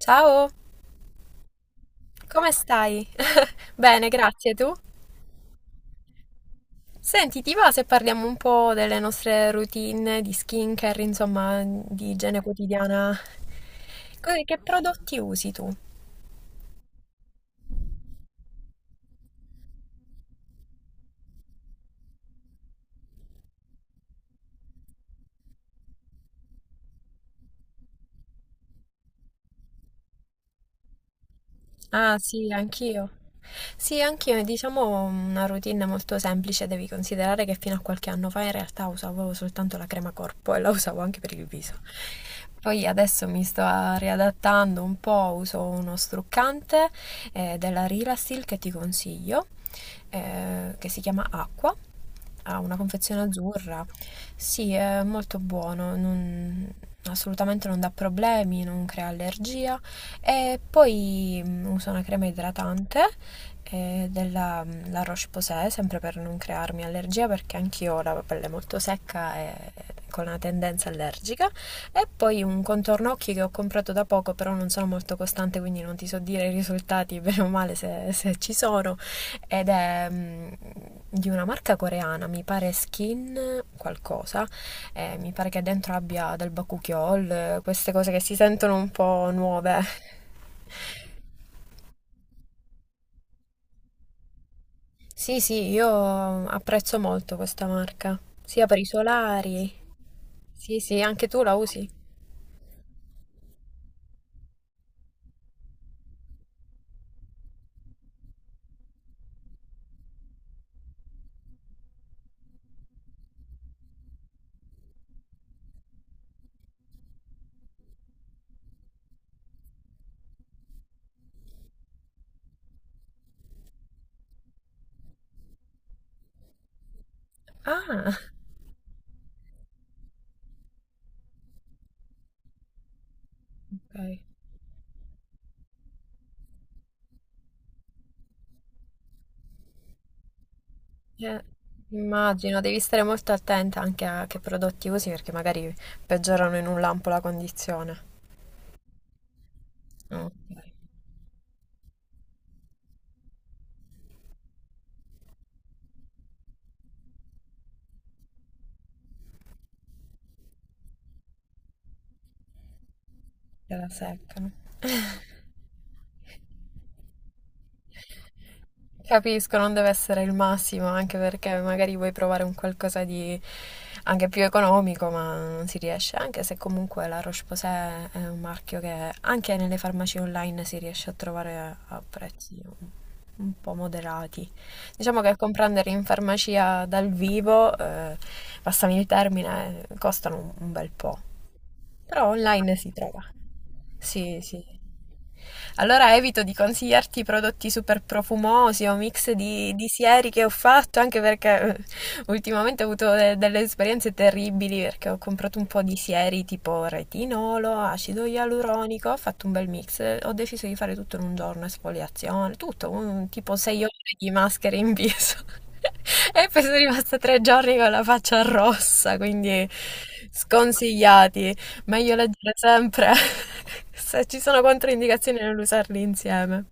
Ciao, come stai? Bene, grazie, tu? Senti, ti va se parliamo un po' delle nostre routine di skincare, insomma, di igiene quotidiana? Che prodotti usi tu? Ah, sì, anch'io. Sì, anch'io, è, diciamo una routine molto semplice, devi considerare che fino a qualche anno fa in realtà usavo soltanto la crema corpo e la usavo anche per il viso. Poi adesso mi sto riadattando un po', uso uno struccante della Rilastil che ti consiglio, che si chiama Acqua. Ha una confezione azzurra. Sì, è molto buono, assolutamente non dà problemi, non crea allergia. E poi uso una crema idratante della La Roche-Posay, sempre per non crearmi allergia, perché anch'io ho la pelle molto secca e con una tendenza allergica. E poi un contorno occhi che ho comprato da poco, però non sono molto costante, quindi non ti so dire i risultati, bene o male, se ci sono. Ed è di una marca coreana, mi pare Skin qualcosa mi pare che dentro abbia del bakuchiol, queste cose che si sentono un po' nuove. Sì, sì, io apprezzo molto questa marca, sia per i solari. Sì, sì, anche tu la usi. Ah, ok. Eh, immagino, devi stare molto attenta anche a che prodotti usi perché magari peggiorano in un lampo la condizione. Ok. Gliela seccano. Capisco, non deve essere il massimo, anche perché magari vuoi provare un qualcosa di anche più economico, ma non si riesce, anche se comunque la Roche-Posay è un marchio che anche nelle farmacie online si riesce a trovare a prezzi un po' moderati. Diciamo che comprandere in farmacia dal vivo, passami il termine, costano un bel po'. Però online si trova. Sì, sì. Allora evito di consigliarti prodotti super profumosi o mix di sieri che ho fatto, anche perché ultimamente ho avuto delle esperienze terribili perché ho comprato un po' di sieri tipo retinolo, acido ialuronico, ho fatto un bel mix, ho deciso di fare tutto in un giorno, esfoliazione, tutto, tipo 6 ore di maschere in viso. E poi sono rimasta 3 giorni con la faccia rossa, quindi sconsigliati. Meglio leggere sempre. Se ci sono controindicazioni nell'usarli insieme.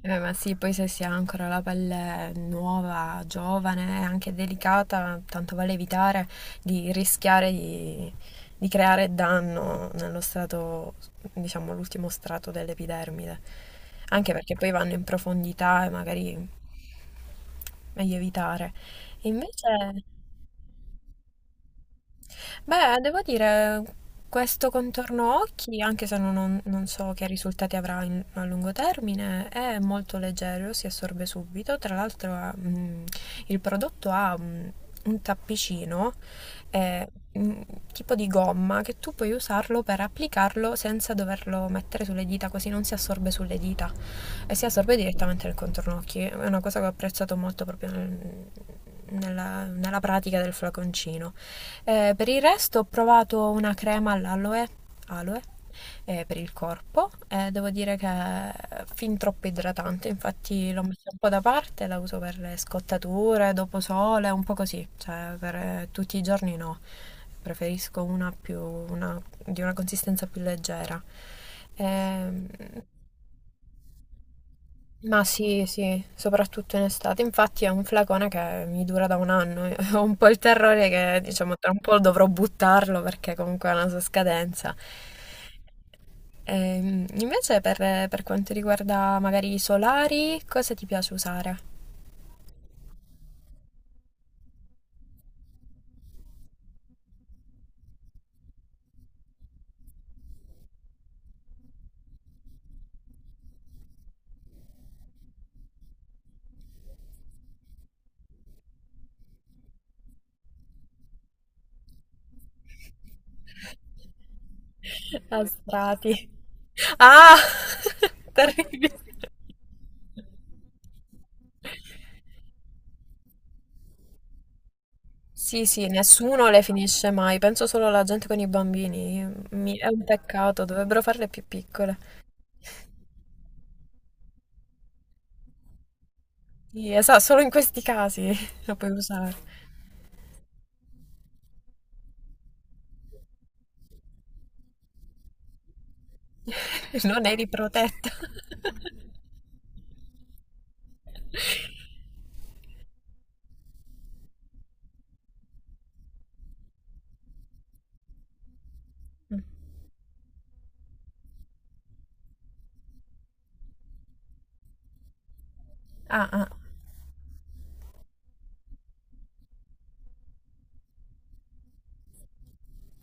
Ma sì, poi se si ha ancora la pelle nuova, giovane e anche delicata, tanto vale evitare di rischiare di creare danno nello strato, diciamo, l'ultimo strato dell'epidermide. Anche perché poi vanno in profondità e magari meglio evitare. Invece. Beh, devo dire, questo contorno occhi, anche se non so che risultati avrà a lungo termine, è molto leggero, si assorbe subito. Tra l'altro, il prodotto ha un tappicino, eh, mm, tipo di gomma, che tu puoi usarlo per applicarlo senza doverlo mettere sulle dita, così non si assorbe sulle dita e si assorbe direttamente nel contorno occhi. È una cosa che ho apprezzato molto proprio nella pratica del flaconcino. Per il resto ho provato una crema all'aloe, aloe, per il corpo. Devo dire che è fin troppo idratante, infatti l'ho messa un po' da parte, la uso per le scottature, dopo sole, un po' così, cioè per tutti i giorni no. Preferisco una di una consistenza più leggera. Ehm, ma sì, sì, soprattutto in estate. Infatti è un flacone che mi dura da 1 anno. Ho un po' il terrore che, diciamo, tra un po' dovrò buttarlo perché comunque ha una sua scadenza. Invece per quanto riguarda magari i solari, cosa ti piace usare? A strati. Ah! Terribile. Sì, sì, nessuno le finisce mai, penso solo alla gente con i bambini. È un peccato, dovrebbero farle più piccole. Sì, esatto, solo in questi casi la puoi usare. Non eri protetta. Ah, ah,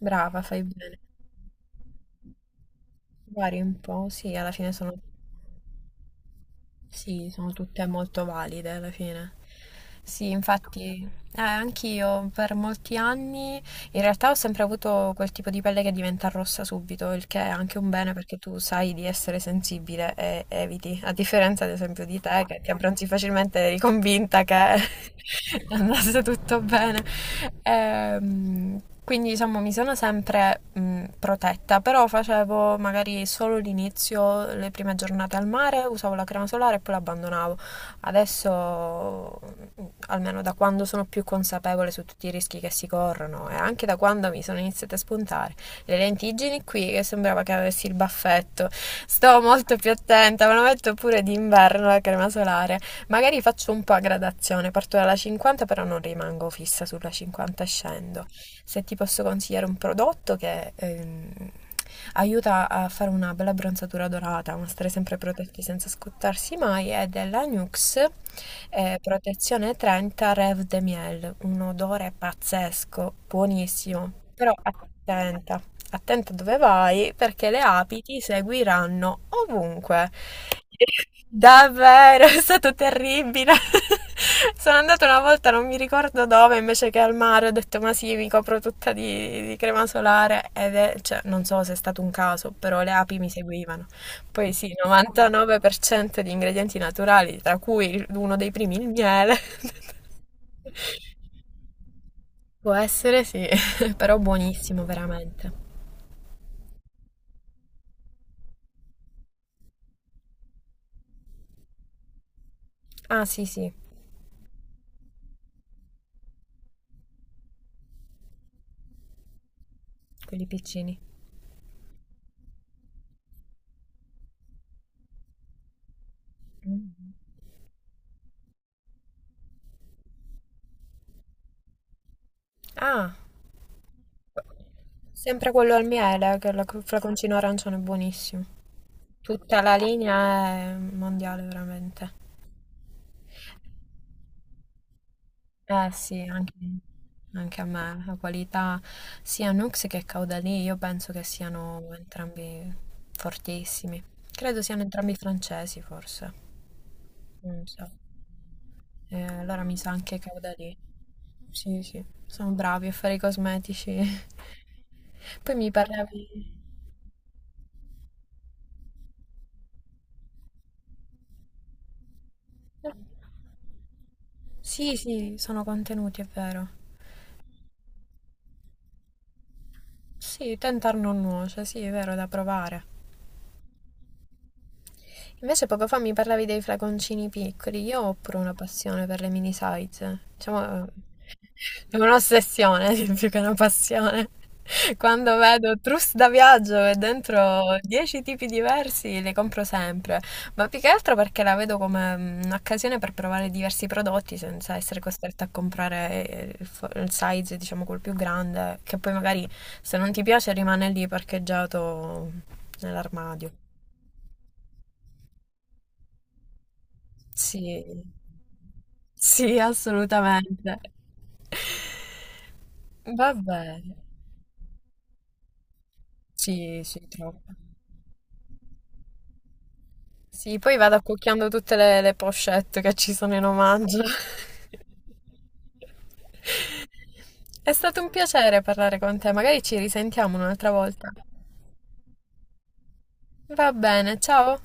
brava, fai bene. Vari un po', sì, alla fine sono sì, sono tutte molto valide alla fine. Sì, infatti, anch'io per molti anni in realtà ho sempre avuto quel tipo di pelle che diventa rossa subito, il che è anche un bene perché tu sai di essere sensibile e eviti, a differenza ad esempio di te che ti abbronzi facilmente, eri convinta che andasse tutto bene. Ehm, quindi diciamo mi sono sempre protetta, però facevo magari solo l'inizio, le prime giornate al mare, usavo la crema solare e poi l'abbandonavo. Adesso, mh, almeno da quando sono più consapevole su tutti i rischi che si corrono e anche da quando mi sono iniziate a spuntare le lentiggini qui, che sembrava che avessi il baffetto, sto molto più attenta, me lo metto pure d'inverno la crema solare. Magari faccio un po' a gradazione, parto dalla 50 però non rimango fissa sulla 50 e scendo. Se ti posso consigliare un prodotto che aiuta a fare una bella bronzatura dorata, ma stare sempre protetti senza scottarsi mai, è della Nux Protezione 30 Rêve de Miel, un odore pazzesco, buonissimo, però attenta attento dove vai perché le api ti seguiranno ovunque. Davvero, è stato terribile. Sono andata una volta, non mi ricordo dove, invece che al mare, ho detto ma sì, mi copro tutta di crema solare ed è, cioè, non so se è stato un caso, però le api mi seguivano. Poi sì, 99% di ingredienti naturali, tra cui uno dei primi il miele. Può essere sì, però buonissimo veramente. Ah sì sì. Quelli piccini. Mhm. Ah, sempre quello al miele, che il flaconcino arancione è buonissimo. Tutta la linea è mondiale veramente. Eh sì, anche, anche a me, la qualità sia Nux che Caudalie, io penso che siano entrambi fortissimi. Credo siano entrambi francesi, forse. Non so. Allora mi sa anche Caudalie. Sì, sì, sono bravi a fare i cosmetici. Poi mi parlavi. Sì, sì, sono contenuti, è vero. Sì, tentar non nuoce, sì, è vero, da provare. Invece poco fa mi parlavi dei flaconcini piccoli, io ho pure una passione per le mini size, diciamo è un'ossessione più che una passione. Quando vedo trousse da viaggio e dentro 10 tipi diversi le compro sempre, ma più che altro perché la vedo come un'occasione per provare diversi prodotti senza essere costretta a comprare il size, diciamo, quel più grande, che poi magari se non ti piace rimane lì parcheggiato nell'armadio. Sì, sì, assolutamente. Vabbè, sì, sì, troppo. Sì, poi vado accucchiando tutte le pochette che ci sono in omaggio. È stato un piacere parlare con te, magari ci risentiamo un'altra volta. Va bene, ciao.